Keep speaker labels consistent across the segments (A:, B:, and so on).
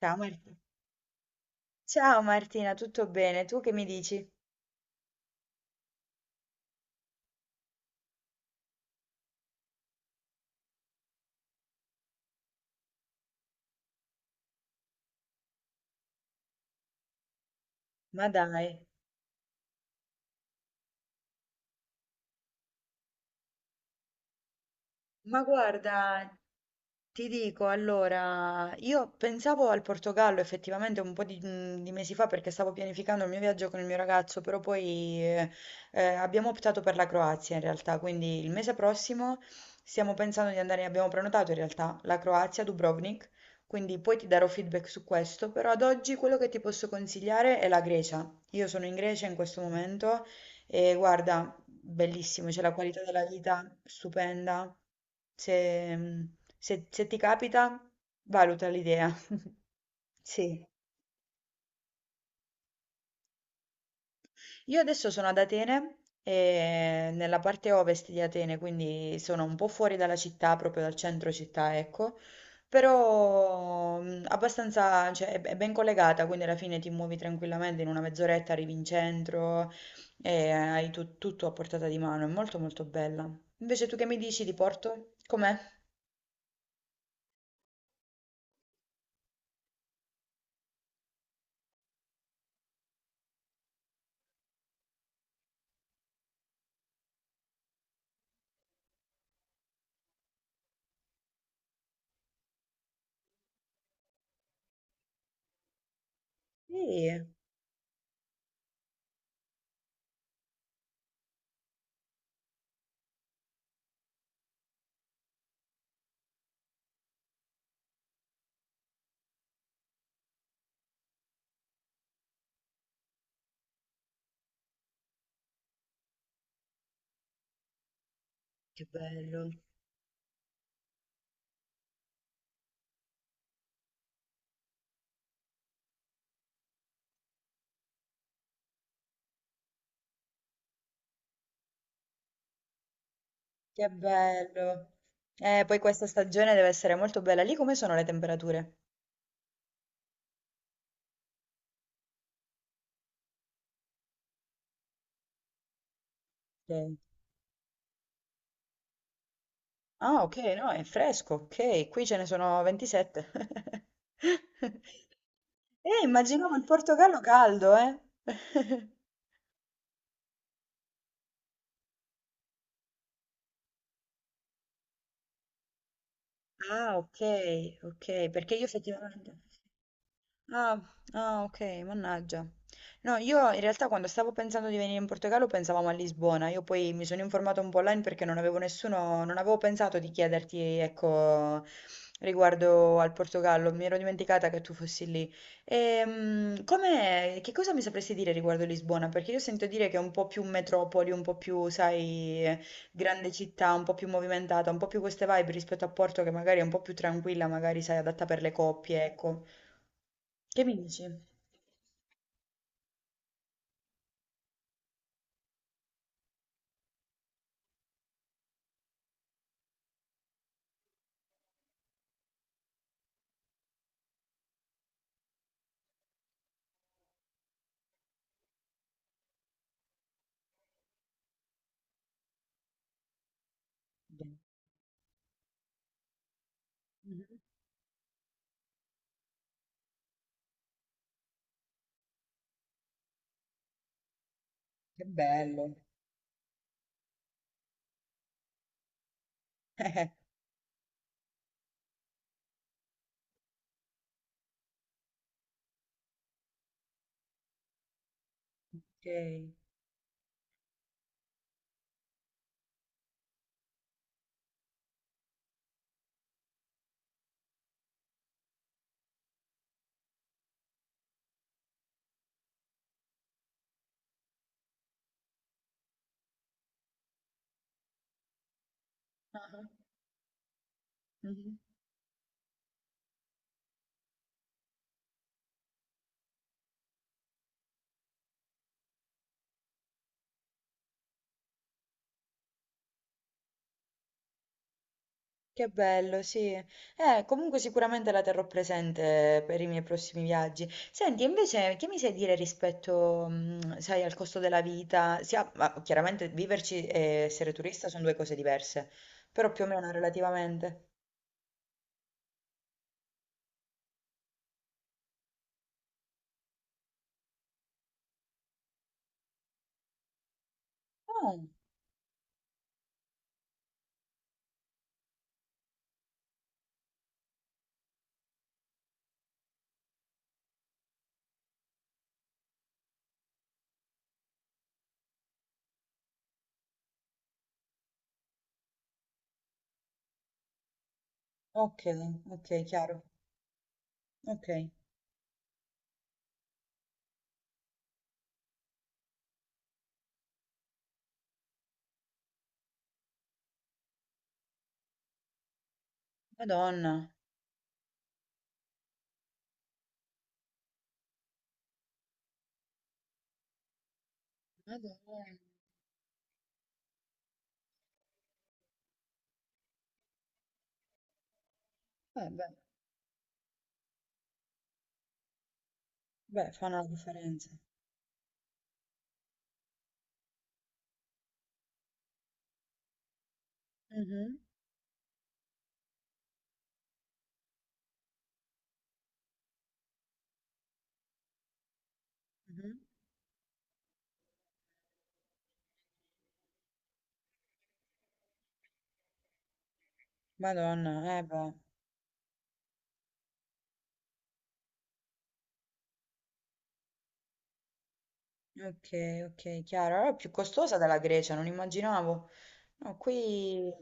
A: Ciao Marti. Ciao Martina, tutto bene? Tu che mi dici? Ma dai, ma guarda, ti dico, allora, io pensavo al Portogallo effettivamente un po' di mesi fa perché stavo pianificando il mio viaggio con il mio ragazzo, però poi abbiamo optato per la Croazia in realtà, quindi il mese prossimo stiamo pensando di andare, abbiamo prenotato in realtà la Croazia, Dubrovnik, quindi poi ti darò feedback su questo, però ad oggi quello che ti posso consigliare è la Grecia. Io sono in Grecia in questo momento e guarda, bellissimo, c'è la qualità della vita stupenda. Se, se ti capita, valuta l'idea. Sì. Io adesso sono ad Atene, e nella parte ovest di Atene, quindi sono un po' fuori dalla città, proprio dal centro città, ecco, però abbastanza, cioè, è ben collegata, quindi alla fine ti muovi tranquillamente, in una mezz'oretta arrivi in centro e hai tutto a portata di mano, è molto molto bella. Invece tu che mi dici di Porto? Com'è? Sì, che bello, che bello. Poi questa stagione deve essere molto bella. Lì come sono le temperature? Ok. Ah, ok, no, è fresco, ok. Qui ce ne sono 27. Immaginavo il Portogallo caldo, eh. Ah, ok, ok, perché io effettivamente... Ah, ah, ok, mannaggia. No, io in realtà quando stavo pensando di venire in Portogallo pensavamo a Lisbona, io poi mi sono informata un po' online perché non avevo nessuno, non avevo pensato di chiederti, ecco, riguardo al Portogallo, mi ero dimenticata che tu fossi lì. Che cosa mi sapresti dire riguardo Lisbona? Perché io sento dire che è un po' più metropoli, un po' più, sai, grande città, un po' più movimentata, un po' più queste vibe rispetto a Porto che magari è un po' più tranquilla, magari, sai, adatta per le coppie, ecco. Che mi dici? Beh, mh-mh, che bello. Ok. Ah-ah, mh-mh. Che bello, sì. Comunque sicuramente la terrò presente per i miei prossimi viaggi. Senti, invece, che mi sai dire rispetto, sai, al costo della vita? Sia, ma chiaramente viverci e essere turista sono due cose diverse, però più o meno relativamente. Oh, ok, ok, chiaro. Ok. Madonna. Madonna. Beh, beh, fa una differenza. Mhm. Mhm. Madonna, eh beh, ok, ok, chiaro. Allora è più costosa della Grecia, non immaginavo. No, qui,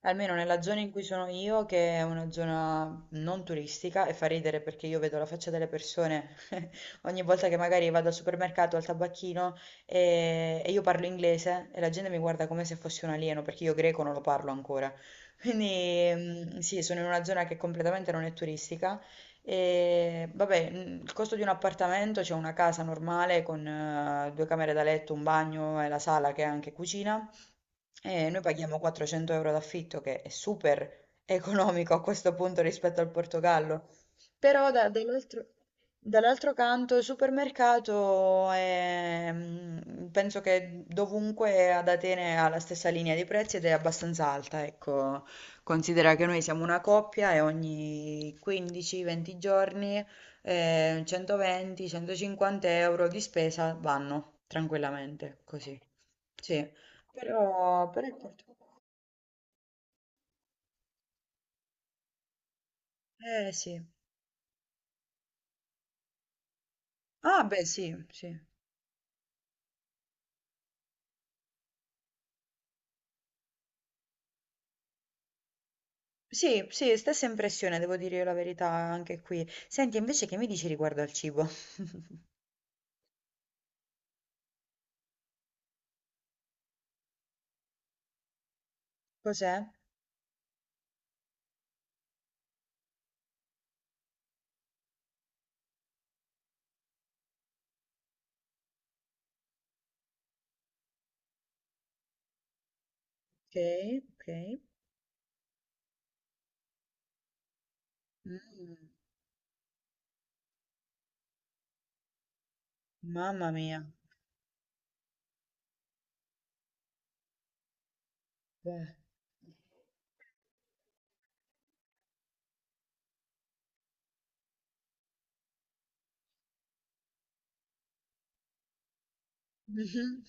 A: almeno nella zona in cui sono io, che è una zona non turistica, e fa ridere perché io vedo la faccia delle persone ogni volta che magari vado al supermercato, al tabacchino e io parlo inglese e la gente mi guarda come se fossi un alieno, perché io greco non lo parlo ancora. Quindi, mm, sì, sono in una zona che completamente non è turistica. E vabbè, mm, il costo di un appartamento, c'è una casa normale con due camere da letto, un bagno e la sala che è anche cucina. E noi paghiamo 400 euro d'affitto, che è super economico a questo punto rispetto al Portogallo. Però dall'altro canto il supermercato è, mm, penso che dovunque ad Atene ha la stessa linea di prezzi ed è abbastanza alta, ecco. Considera che noi siamo una coppia e ogni 15-20 giorni 120-150 euro di spesa vanno tranquillamente, così. Sì, però è porto- Eh sì. Ah beh sì, sì. Sì, sì, stessa impressione, devo dire la verità anche qui. Senti, invece che mi dici riguardo al cibo? Cos'è? Ok, ok. Mm, mamma mia. Beh. Mhm.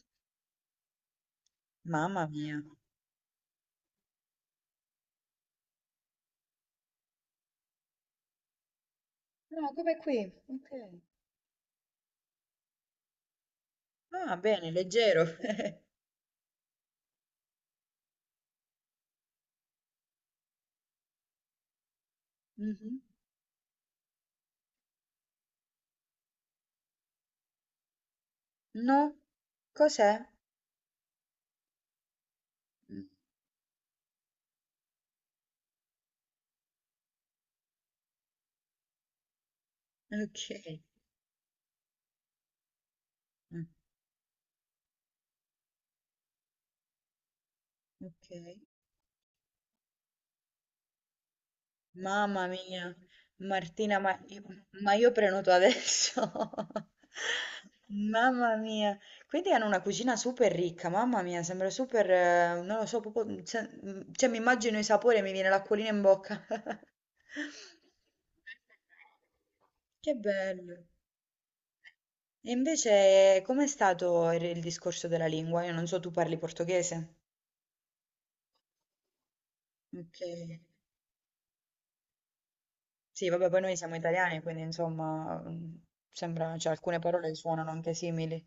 A: Mamma mia. No, come qui? Ok. Ah, bene, leggero. Mh-mh. No? Cos'è? Mh, okay. Mh, okay. Mamma mia, Martina, ma io prenoto adesso. Mamma mia. Quindi hanno una cucina super ricca, mamma mia, sembra super non lo so, proprio cioè mi immagino i sapori e mi viene l'acquolina in bocca. Che bello. E invece, com'è stato il discorso della lingua? Io non so, tu parli portoghese? Ok. Sì, vabbè, poi noi siamo italiani, quindi insomma, mm, sembra, cioè, alcune parole suonano anche simili.